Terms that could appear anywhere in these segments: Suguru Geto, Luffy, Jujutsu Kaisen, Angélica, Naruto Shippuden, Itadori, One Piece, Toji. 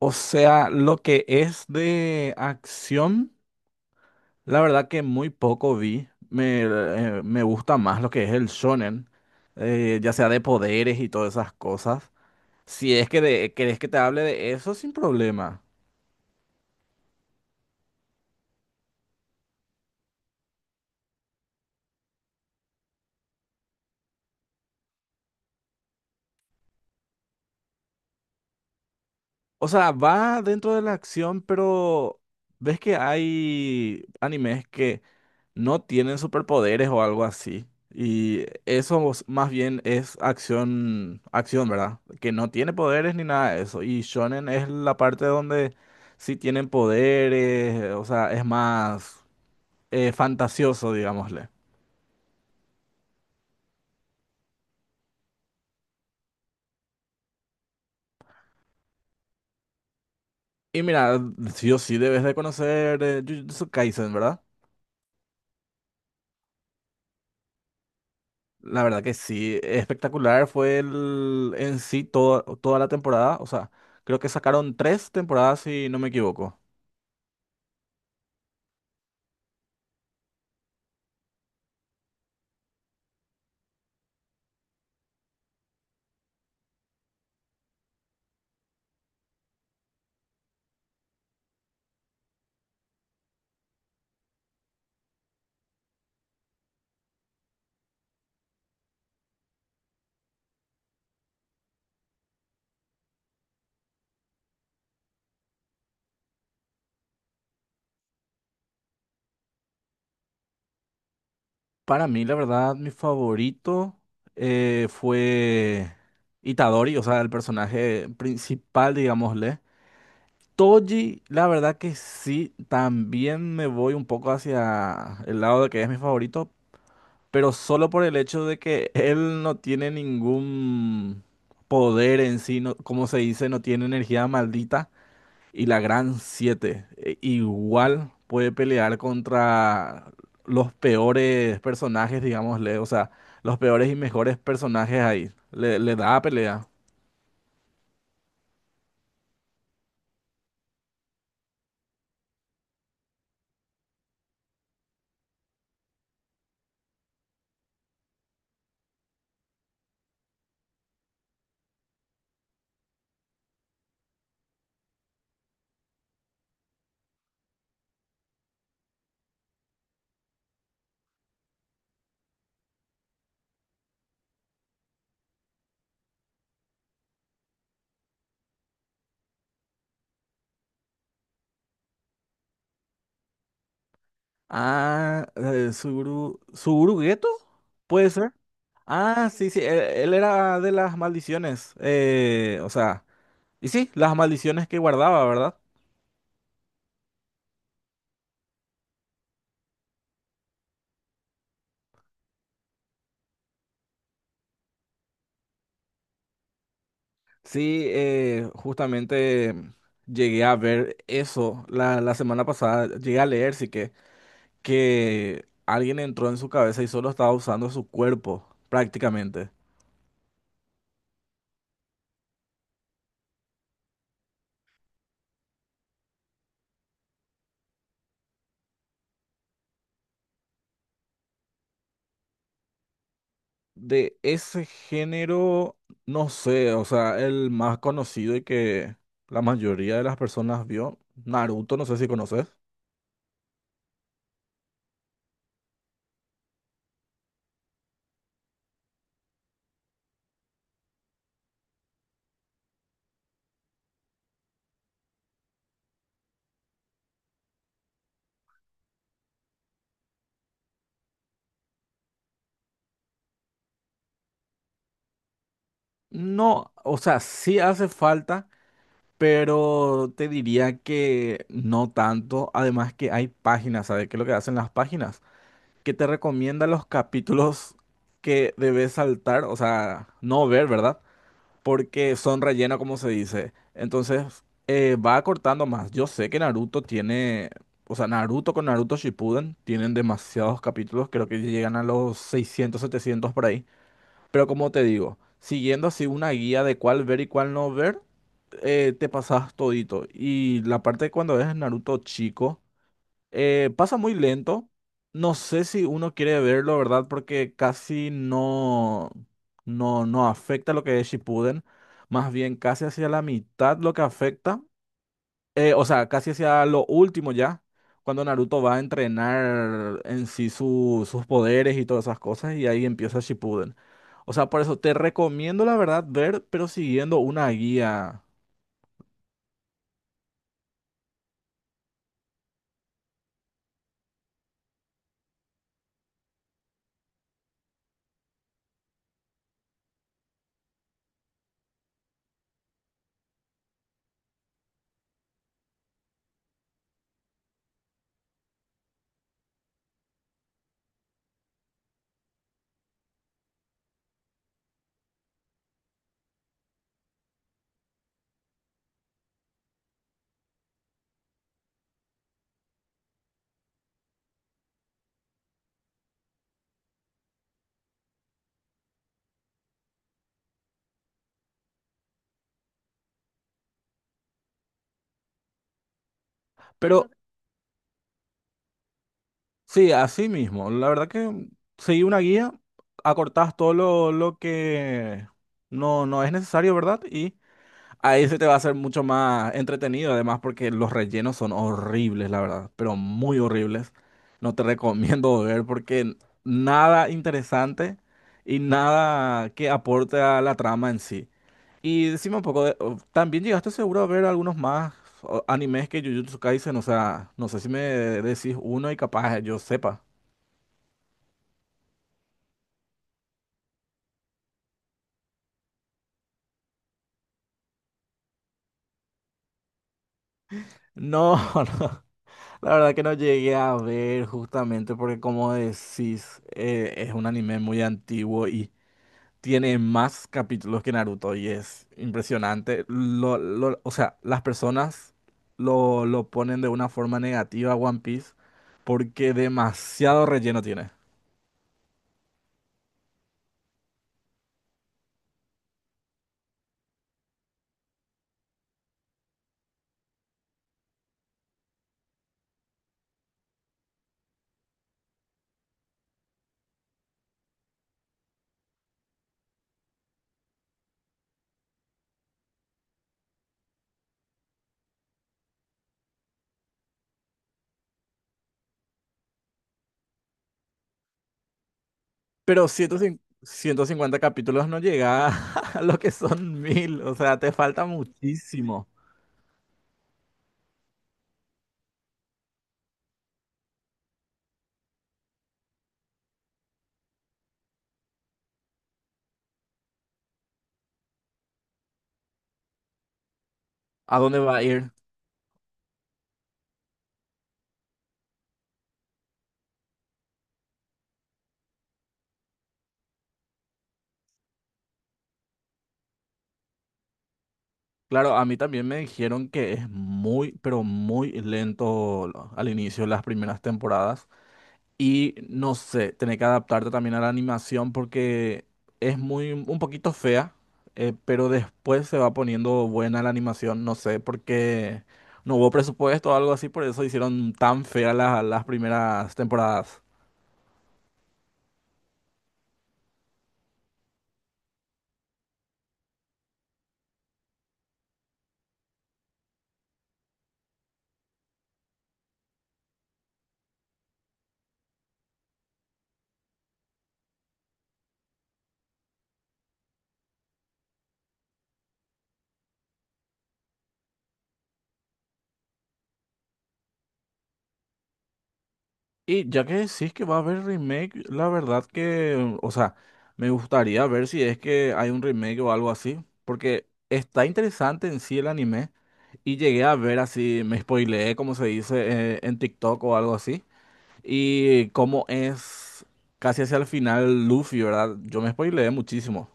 O sea, lo que es de acción, la verdad que muy poco vi. Me gusta más lo que es el shonen, ya sea de poderes y todas esas cosas. Si es que querés que te hable de eso, sin problema. O sea, va dentro de la acción, pero ves que hay animes que no tienen superpoderes o algo así. Y más bien es acción, acción, ¿verdad? Que no tiene poderes ni nada de eso. Y shonen es la parte donde sí tienen poderes, o sea, es más fantasioso, digámosle. Y mira, sí o sí debes de conocer Jujutsu Kaisen, ¿verdad? La verdad que sí, espectacular fue en sí toda la temporada. O sea, creo que sacaron tres temporadas si no me equivoco. Para mí, la verdad, mi favorito fue Itadori, o sea, el personaje principal, digámosle. Toji, la verdad que sí, también me voy un poco hacia el lado de que es mi favorito, pero solo por el hecho de que él no tiene ningún poder en sí, como se dice, no tiene energía maldita. Y la Gran 7 e, igual puede pelear contra los peores personajes, digámosle, o sea, los peores y mejores personajes ahí. Le da pelea. Ah, Suguru, ¿Suguru Geto? ¿Puede ser? Ah, sí, sí, él era de las maldiciones. O sea, y sí, las maldiciones que guardaba, ¿verdad? Sí, justamente llegué a ver eso la semana pasada, llegué a leer, sí que alguien entró en su cabeza y solo estaba usando su cuerpo, prácticamente. De ese género, no sé, o sea, el más conocido y que la mayoría de las personas vio, Naruto, no sé si conoces. No, o sea, sí hace falta, pero te diría que no tanto. Además que hay páginas, ¿sabes qué es lo que hacen las páginas? Que te recomienda los capítulos que debes saltar, o sea, no ver, ¿verdad? Porque son relleno, como se dice. Entonces, va acortando más. Yo sé que Naruto tiene, o sea, Naruto con Naruto Shippuden tienen demasiados capítulos, creo que llegan a los 600, 700 por ahí. Pero como te digo, siguiendo así una guía de cuál ver y cuál no ver, te pasas todito. Y la parte de cuando ves Naruto chico. Pasa muy lento. No sé si uno quiere verlo, ¿verdad? Porque casi no, no, no afecta lo que es Shippuden. Más bien casi hacia la mitad lo que afecta. O sea, casi hacia lo último ya. Cuando Naruto va a entrenar en sí sus poderes y todas esas cosas. Y ahí empieza Shippuden. O sea, por eso te recomiendo, la verdad, ver, pero siguiendo una guía. Pero sí, así mismo. La verdad que seguí una guía, acortás todo lo que no, no es necesario, ¿verdad? Y ahí se te va a hacer mucho más entretenido, además porque los rellenos son horribles, la verdad, pero muy horribles. No te recomiendo ver porque nada interesante y nada que aporte a la trama en sí. Y decime un poco, también llegaste seguro a ver algunos más o, animes que Jujutsu Kaisen, o sea, no sé si me decís uno y capaz yo sepa. No, no, la verdad que no llegué a ver justamente porque como decís, es un anime muy antiguo y tiene más capítulos que Naruto y es impresionante. O sea, las personas lo ponen de una forma negativa a One Piece porque demasiado relleno tiene. Pero ciento cincuenta capítulos no llega a lo que son 1000, o sea, te falta muchísimo. ¿A dónde va a ir? Claro, a mí también me dijeron que es muy, pero muy lento al inicio de las primeras temporadas. Y no sé, tener que adaptarte también a la animación porque es muy, un poquito fea, pero después se va poniendo buena la animación. No sé, porque no hubo presupuesto o algo así, por eso hicieron tan feas las primeras temporadas. Y ya que decís que va a haber remake, la verdad que, o sea, me gustaría ver si es que hay un remake o algo así, porque está interesante en sí el anime y llegué a ver así, me spoileé, como se dice, en TikTok o algo así, y cómo es casi hacia el final Luffy, ¿verdad? Yo me spoileé muchísimo.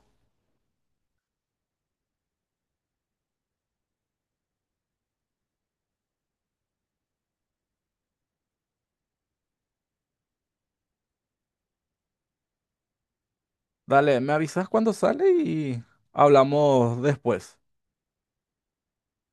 Dale, me avisas cuando sale y hablamos después.